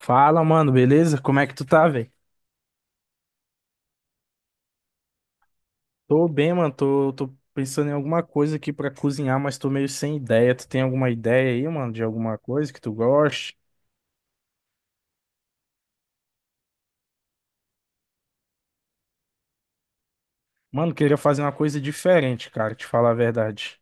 Fala, mano, beleza? Como é que tu tá, velho? Tô bem, mano. Tô pensando em alguma coisa aqui pra cozinhar, mas tô meio sem ideia. Tu tem alguma ideia aí, mano, de alguma coisa que tu goste? Mano, queria fazer uma coisa diferente, cara, te falar a verdade.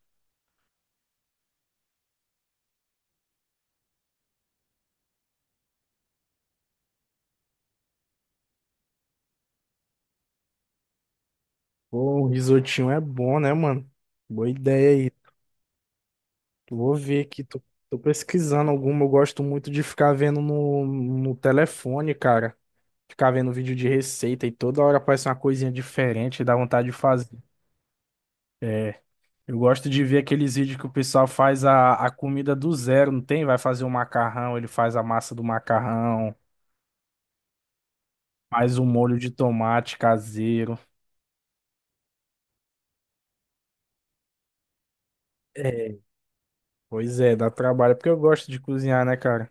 Pô, um risotinho é bom, né, mano? Boa ideia aí. Vou ver aqui. Tô pesquisando alguma. Eu gosto muito de ficar vendo no telefone, cara. Ficar vendo vídeo de receita e toda hora aparece uma coisinha diferente, dá vontade de fazer. Eu gosto de ver aqueles vídeos que o pessoal faz a comida do zero, não tem? Vai fazer um macarrão, ele faz a massa do macarrão, faz um molho de tomate caseiro. É, pois é, dá trabalho, porque eu gosto de cozinhar, né, cara?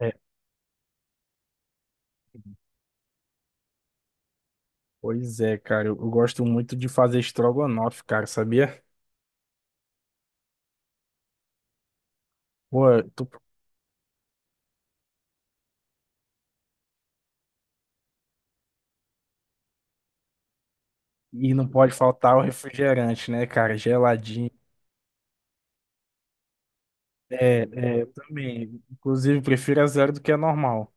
É. Pois é, cara, eu gosto muito de fazer estrogonofe, cara, sabia? Pô, tu- e não pode faltar o refrigerante, né, cara? Geladinho. É, é, eu também. Inclusive, prefiro a zero do que a normal.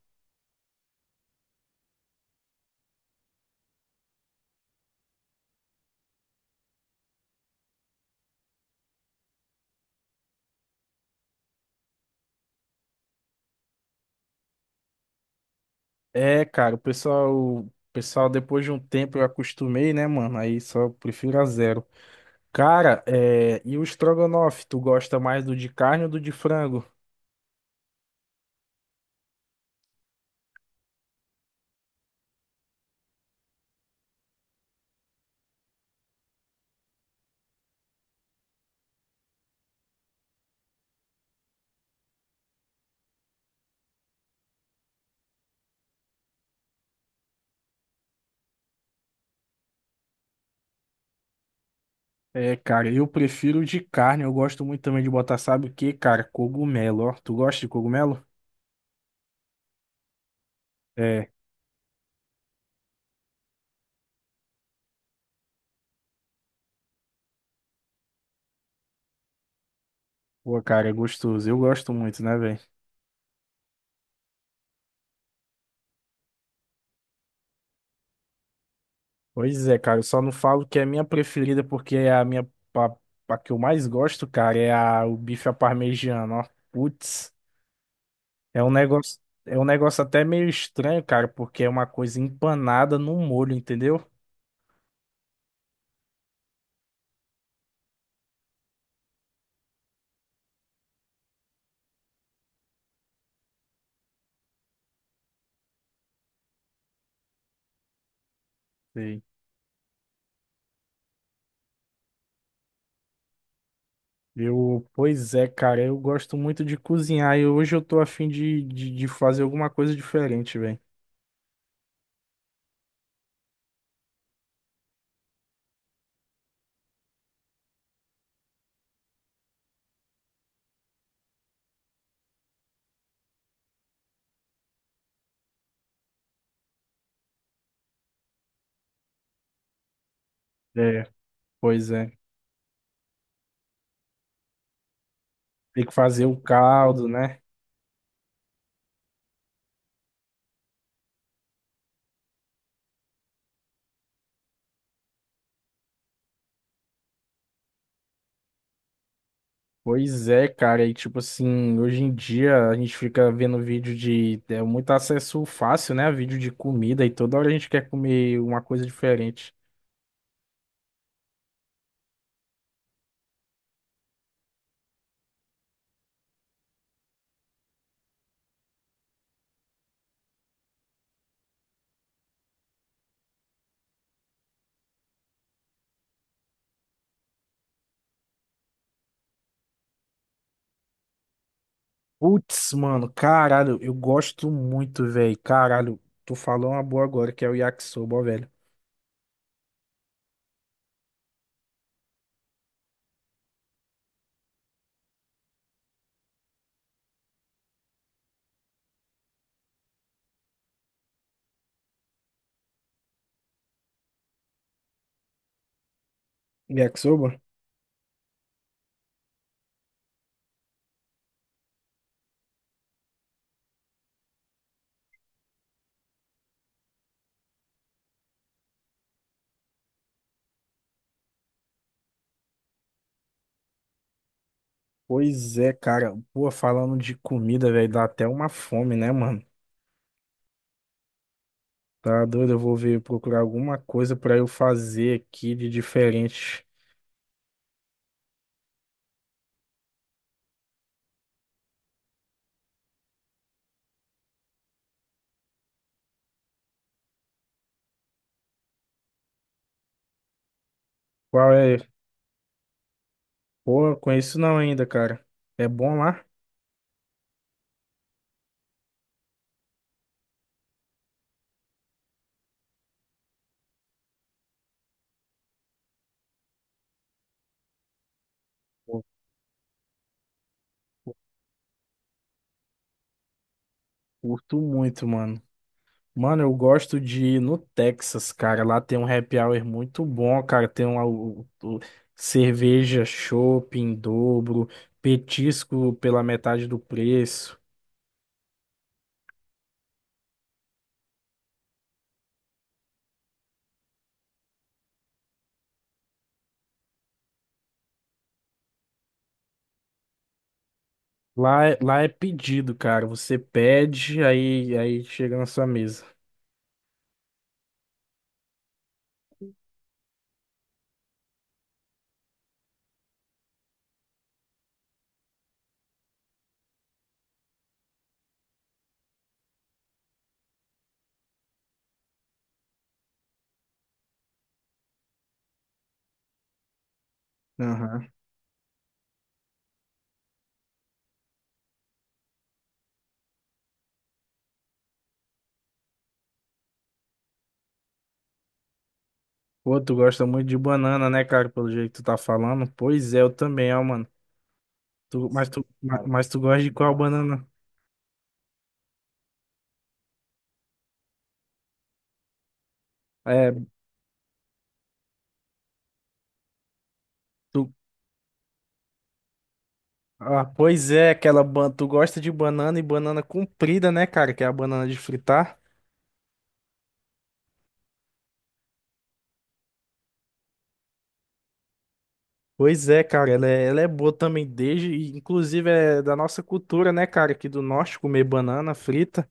É, cara, o pessoal, depois de um tempo eu acostumei, né, mano? Aí só prefiro a zero. Cara, é, e o estrogonofe, tu gosta mais do de carne ou do de frango? É, cara, eu prefiro o de carne, eu gosto muito também de botar, sabe o quê, cara? Cogumelo, ó. Tu gosta de cogumelo? É, pô, cara, é gostoso. Eu gosto muito, né, velho? Pois é, cara, eu só não falo que é a minha preferida, porque é a minha, a que eu mais gosto, cara, é a, o bife à parmegiana, ó. Putz. É um negócio, é um negócio até meio estranho, cara, porque é uma coisa empanada no molho, entendeu? Sei. Pois é, cara, eu gosto muito de cozinhar e hoje eu tô afim de fazer alguma coisa diferente, velho. É, pois é. Tem que fazer o caldo, né? Pois é, cara. E tipo assim, hoje em dia a gente fica vendo vídeo de. É muito acesso fácil, né? Vídeo de comida e toda hora a gente quer comer uma coisa diferente. Putz, mano, caralho, eu gosto muito, velho. Caralho, tu falou uma boa agora, que é o yakisoba, ó, velho. Yakisoba? Pois é, cara. Pô, falando de comida, velho, dá até uma fome, né, mano? Tá doido? Eu vou ver procurar alguma coisa pra eu fazer aqui de diferente. Qual é? Pô, eu conheço não ainda, cara. É bom lá? Pô, curto muito, mano. Mano, eu gosto de ir no Texas, cara. Lá tem um happy hour muito bom, cara. Tem uma, o- cerveja chopp em dobro, petisco pela metade do preço. Lá é pedido, cara. Você pede, aí chega na sua mesa. Aham. Pô, tu gosta muito de banana, né, cara? Pelo jeito que tu tá falando. Pois é, eu também, ó, mano. Tu, mas, tu, ma- mas tu gosta de qual banana? É. tu, Ah, pois é, aquela banana. Tu gosta de banana e banana comprida, né, cara? Que é a banana de fritar. Pois é, cara, ela é boa também desde, e inclusive é da nossa cultura, né, cara, aqui do norte comer banana frita.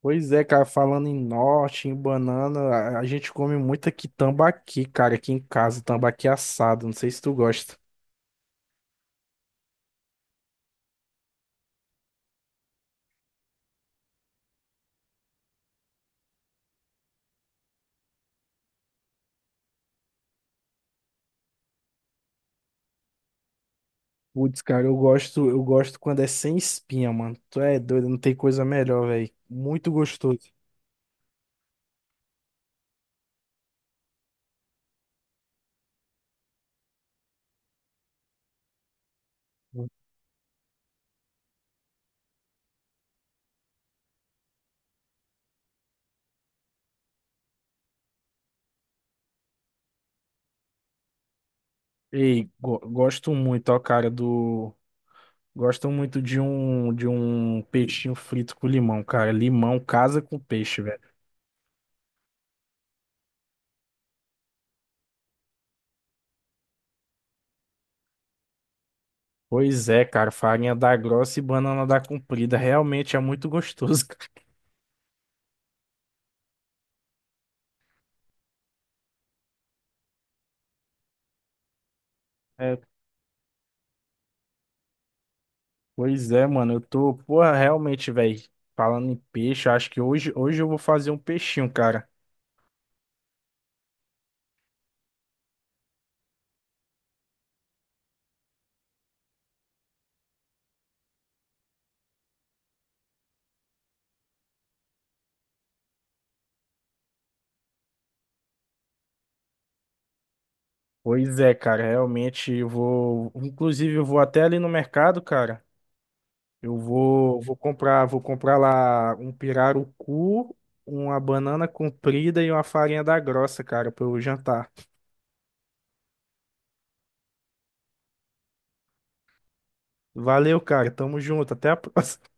Pois é, cara, falando em norte, em banana, a gente come muito aqui tambaqui, cara, aqui em casa, tambaqui assado, não sei se tu gosta. Putz, cara, eu gosto quando é sem espinha, mano. Tu é doido, não tem coisa melhor, velho. Muito gostoso. Gosto muito, ó, cara, do. Gosto muito de um peixinho frito com limão, cara. Limão casa com peixe, velho. Pois é, cara, farinha da grossa e banana da comprida. Realmente é muito gostoso, cara. É, pois é, mano. Eu tô, porra, realmente, velho. Falando em peixe, eu acho que hoje eu vou fazer um peixinho, cara. Pois é, cara, realmente eu vou. Inclusive, eu vou até ali no mercado, cara. Vou comprar lá um pirarucu, uma banana comprida e uma farinha da grossa, cara, para eu jantar. Valeu, cara. Tamo junto. Até a próxima.